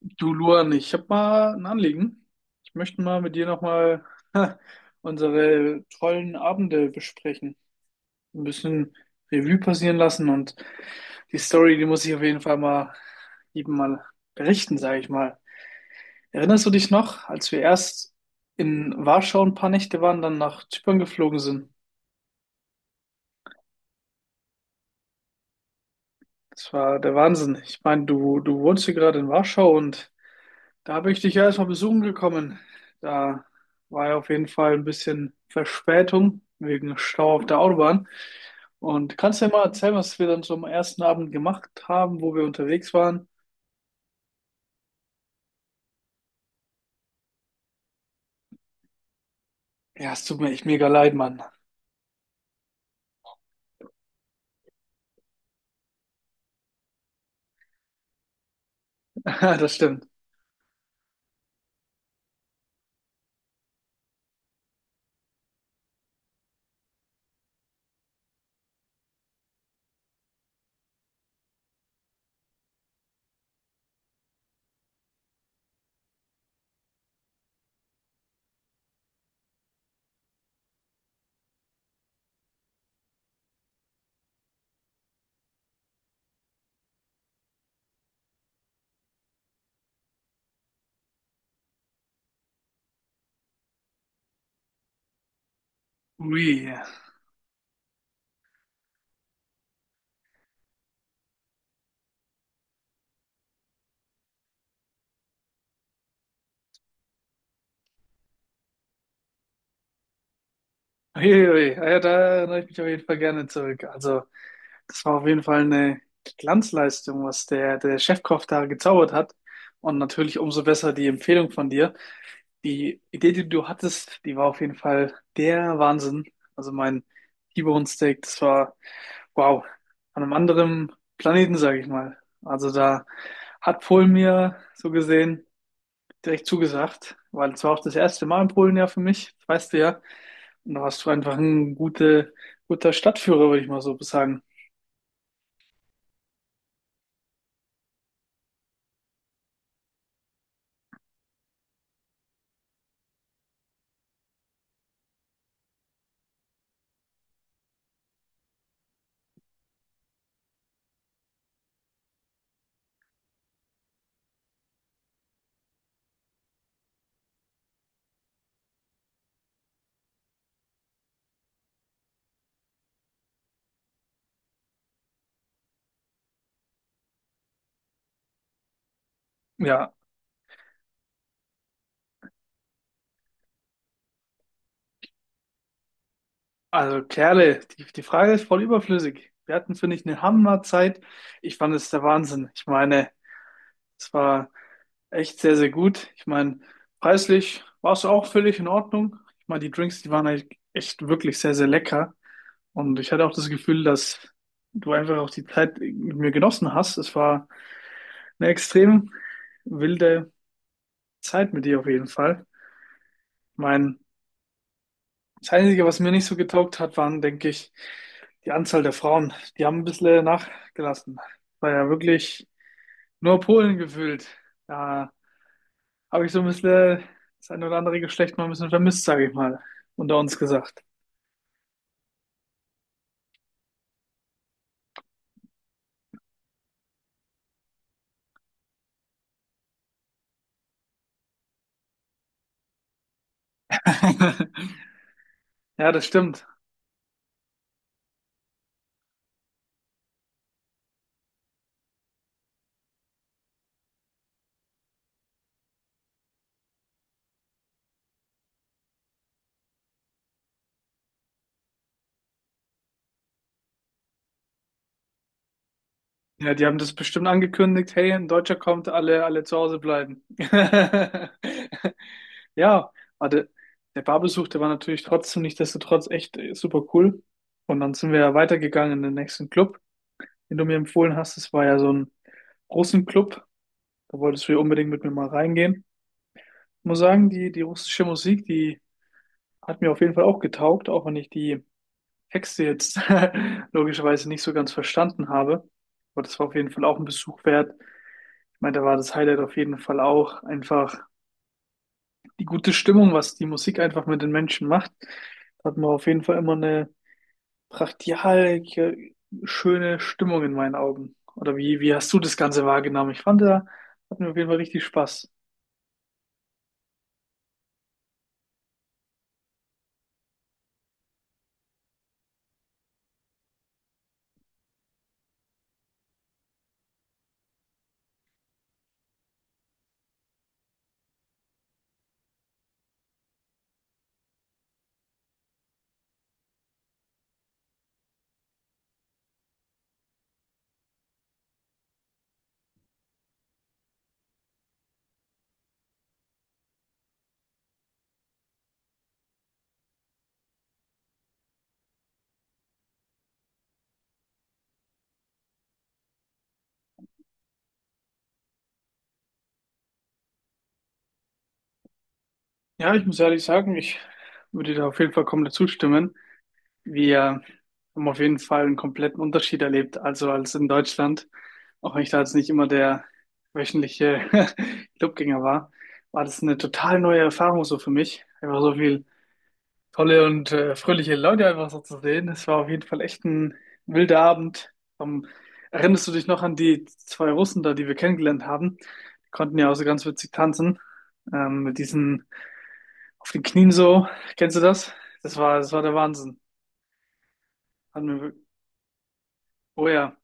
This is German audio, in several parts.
Du Luan, ich habe mal ein Anliegen. Ich möchte mal mit dir nochmal unsere tollen Abende besprechen. Ein bisschen Revue passieren lassen und die Story, die muss ich auf jeden Fall mal jedem mal berichten, sage ich mal. Erinnerst du dich noch, als wir erst in Warschau ein paar Nächte waren, dann nach Zypern geflogen sind? Das war der Wahnsinn. Ich meine, du wohnst hier gerade in Warschau und da bin ich dich ja erstmal besuchen gekommen. Da war ja auf jeden Fall ein bisschen Verspätung wegen Stau auf der Autobahn. Und kannst du mir mal erzählen, was wir dann so am ersten Abend gemacht haben, wo wir unterwegs waren? Ja, es tut mir echt mega leid, Mann. Das stimmt. Ui. Ui, ui. Ah, ja, da erinnere ich mich auf jeden Fall gerne zurück. Also, das war auf jeden Fall eine Glanzleistung, was der Chefkoch da gezaubert hat. Und natürlich umso besser die Empfehlung von dir. Die Idee, die du hattest, die war auf jeden Fall der Wahnsinn. Also mein T-Bone Steak, das war wow, an einem anderen Planeten, sage ich mal. Also da hat Polen mir so gesehen direkt zugesagt, weil es war auch das erste Mal in Polen ja für mich, das weißt du ja. Und da warst du einfach ein gute, guter Stadtführer, würde ich mal so sagen. Ja, also Kerle, die Frage ist voll überflüssig. Wir hatten, finde ich, eine Hammerzeit. Ich fand es der Wahnsinn. Ich meine, es war echt sehr, sehr gut. Ich meine, preislich war es auch völlig in Ordnung. Ich meine, die Drinks, die waren echt wirklich sehr, sehr lecker. Und ich hatte auch das Gefühl, dass du einfach auch die Zeit mit mir genossen hast. Es war eine extrem wilde Zeit mit dir auf jeden Fall. Mein, das Einzige, was mir nicht so getaugt hat, waren, denke ich, die Anzahl der Frauen. Die haben ein bisschen nachgelassen. War ja wirklich nur Polen gefüllt. Da habe ich so ein bisschen das ein oder andere Geschlecht mal ein bisschen vermisst, sage ich mal, unter uns gesagt. Ja, das stimmt. Ja, die haben das bestimmt angekündigt, hey, ein Deutscher kommt, alle, alle zu Hause bleiben. Ja, aber der, der Barbesuch, der war natürlich trotzdem nichtsdestotrotz echt super cool. Und dann sind wir ja weitergegangen in den nächsten Club, den du mir empfohlen hast. Das war ja so ein Russenclub. Da wolltest du ja unbedingt mit mir mal reingehen. Ich muss sagen, die russische Musik, die hat mir auf jeden Fall auch getaugt, auch wenn ich die Texte jetzt logischerweise nicht so ganz verstanden habe. Aber das war auf jeden Fall auch ein Besuch wert. Ich meine, da war das Highlight auf jeden Fall auch einfach die gute Stimmung, was die Musik einfach mit den Menschen macht. Da hat man auf jeden Fall immer eine brachial schöne Stimmung in meinen Augen. Oder wie, wie hast du das Ganze wahrgenommen? Ich fand, da hatten wir auf jeden Fall richtig Spaß. Ja, ich muss ehrlich sagen, ich würde dir da auf jeden Fall komplett zustimmen. Wir haben auf jeden Fall einen kompletten Unterschied erlebt, also als in Deutschland. Auch wenn ich da jetzt nicht immer der wöchentliche Clubgänger war, war das eine total neue Erfahrung so für mich. Einfach so viel tolle und fröhliche Leute einfach so zu sehen. Es war auf jeden Fall echt ein wilder Abend. Ähm, Erinnerst du dich noch an die zwei Russen da, die wir kennengelernt haben? Die konnten ja auch so ganz witzig tanzen, mit diesen auf den Knien so. Kennst du das? Das war der Wahnsinn. Hat mir, oh ja,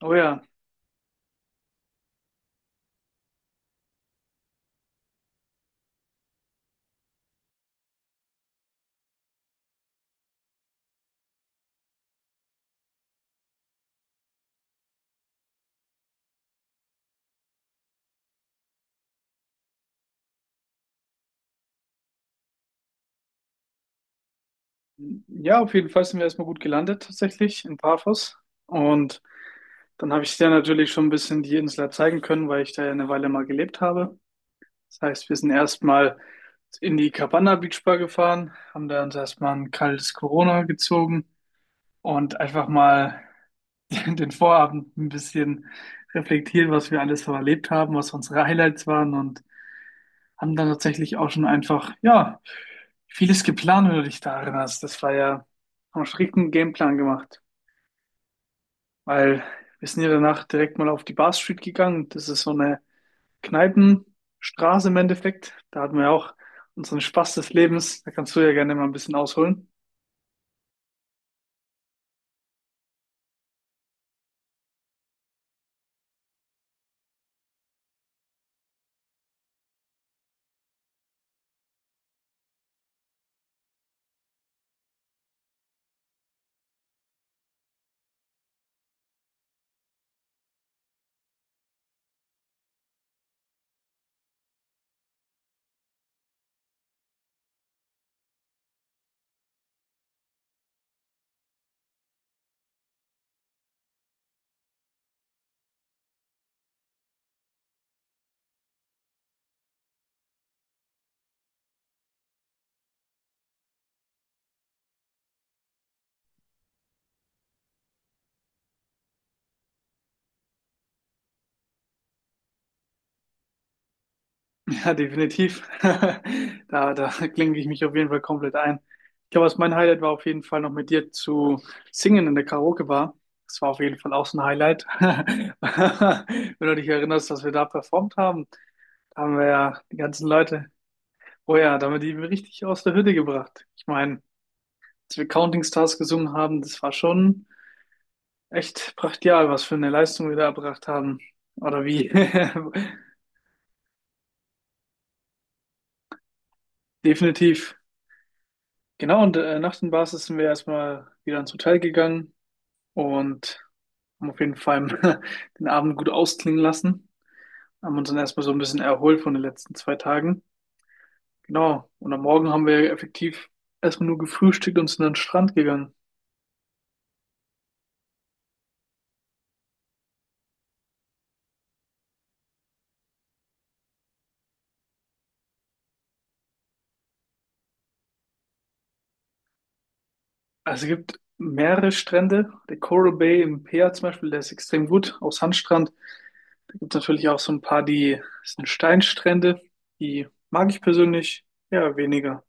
oh ja. Ja, auf jeden Fall sind wir erstmal gut gelandet tatsächlich in Paphos. Und dann habe ich dir natürlich schon ein bisschen die Insel zeigen können, weil ich da ja eine Weile mal gelebt habe. Das heißt, wir sind erstmal in die Cabana Beach Bar gefahren, haben da uns erstmal ein kaltes Corona gezogen und einfach mal den Vorabend ein bisschen reflektiert, was wir alles so erlebt haben, was unsere Highlights waren. Und haben dann tatsächlich auch schon einfach, ja, vieles geplant, wenn du dich da erinnerst. Das war ja, haben einen strikten Gameplan gemacht, weil wir sind ja danach direkt mal auf die Bar Street gegangen. Das ist so eine Kneipenstraße im Endeffekt. Da hatten wir ja auch unseren Spaß des Lebens. Da kannst du ja gerne mal ein bisschen ausholen. Ja, definitiv. Da klinke ich mich auf jeden Fall komplett ein. Ich glaube, was mein Highlight war, auf jeden Fall noch mit dir zu singen in der Karaoke-Bar. Das war auf jeden Fall auch so ein Highlight. Wenn du dich erinnerst, dass wir da performt haben, da haben wir ja die ganzen Leute, oh ja, da haben wir die richtig aus der Hütte gebracht. Ich meine, als wir Counting Stars gesungen haben, das war schon echt brachial, was für eine Leistung wir da erbracht haben. Oder wie? Definitiv. Genau, und nach den Basis sind wir erstmal wieder ins Hotel gegangen und haben auf jeden Fall den Abend gut ausklingen lassen. Haben uns dann erstmal so ein bisschen erholt von den letzten zwei Tagen. Genau, und am Morgen haben wir effektiv erstmal nur gefrühstückt und sind an den Strand gegangen. Also es gibt mehrere Strände. Der Coral Bay in Peer zum Beispiel, der ist extrem gut, auch Sandstrand. Da gibt es natürlich auch so ein paar, die das sind Steinstrände. Die mag ich persönlich ja weniger.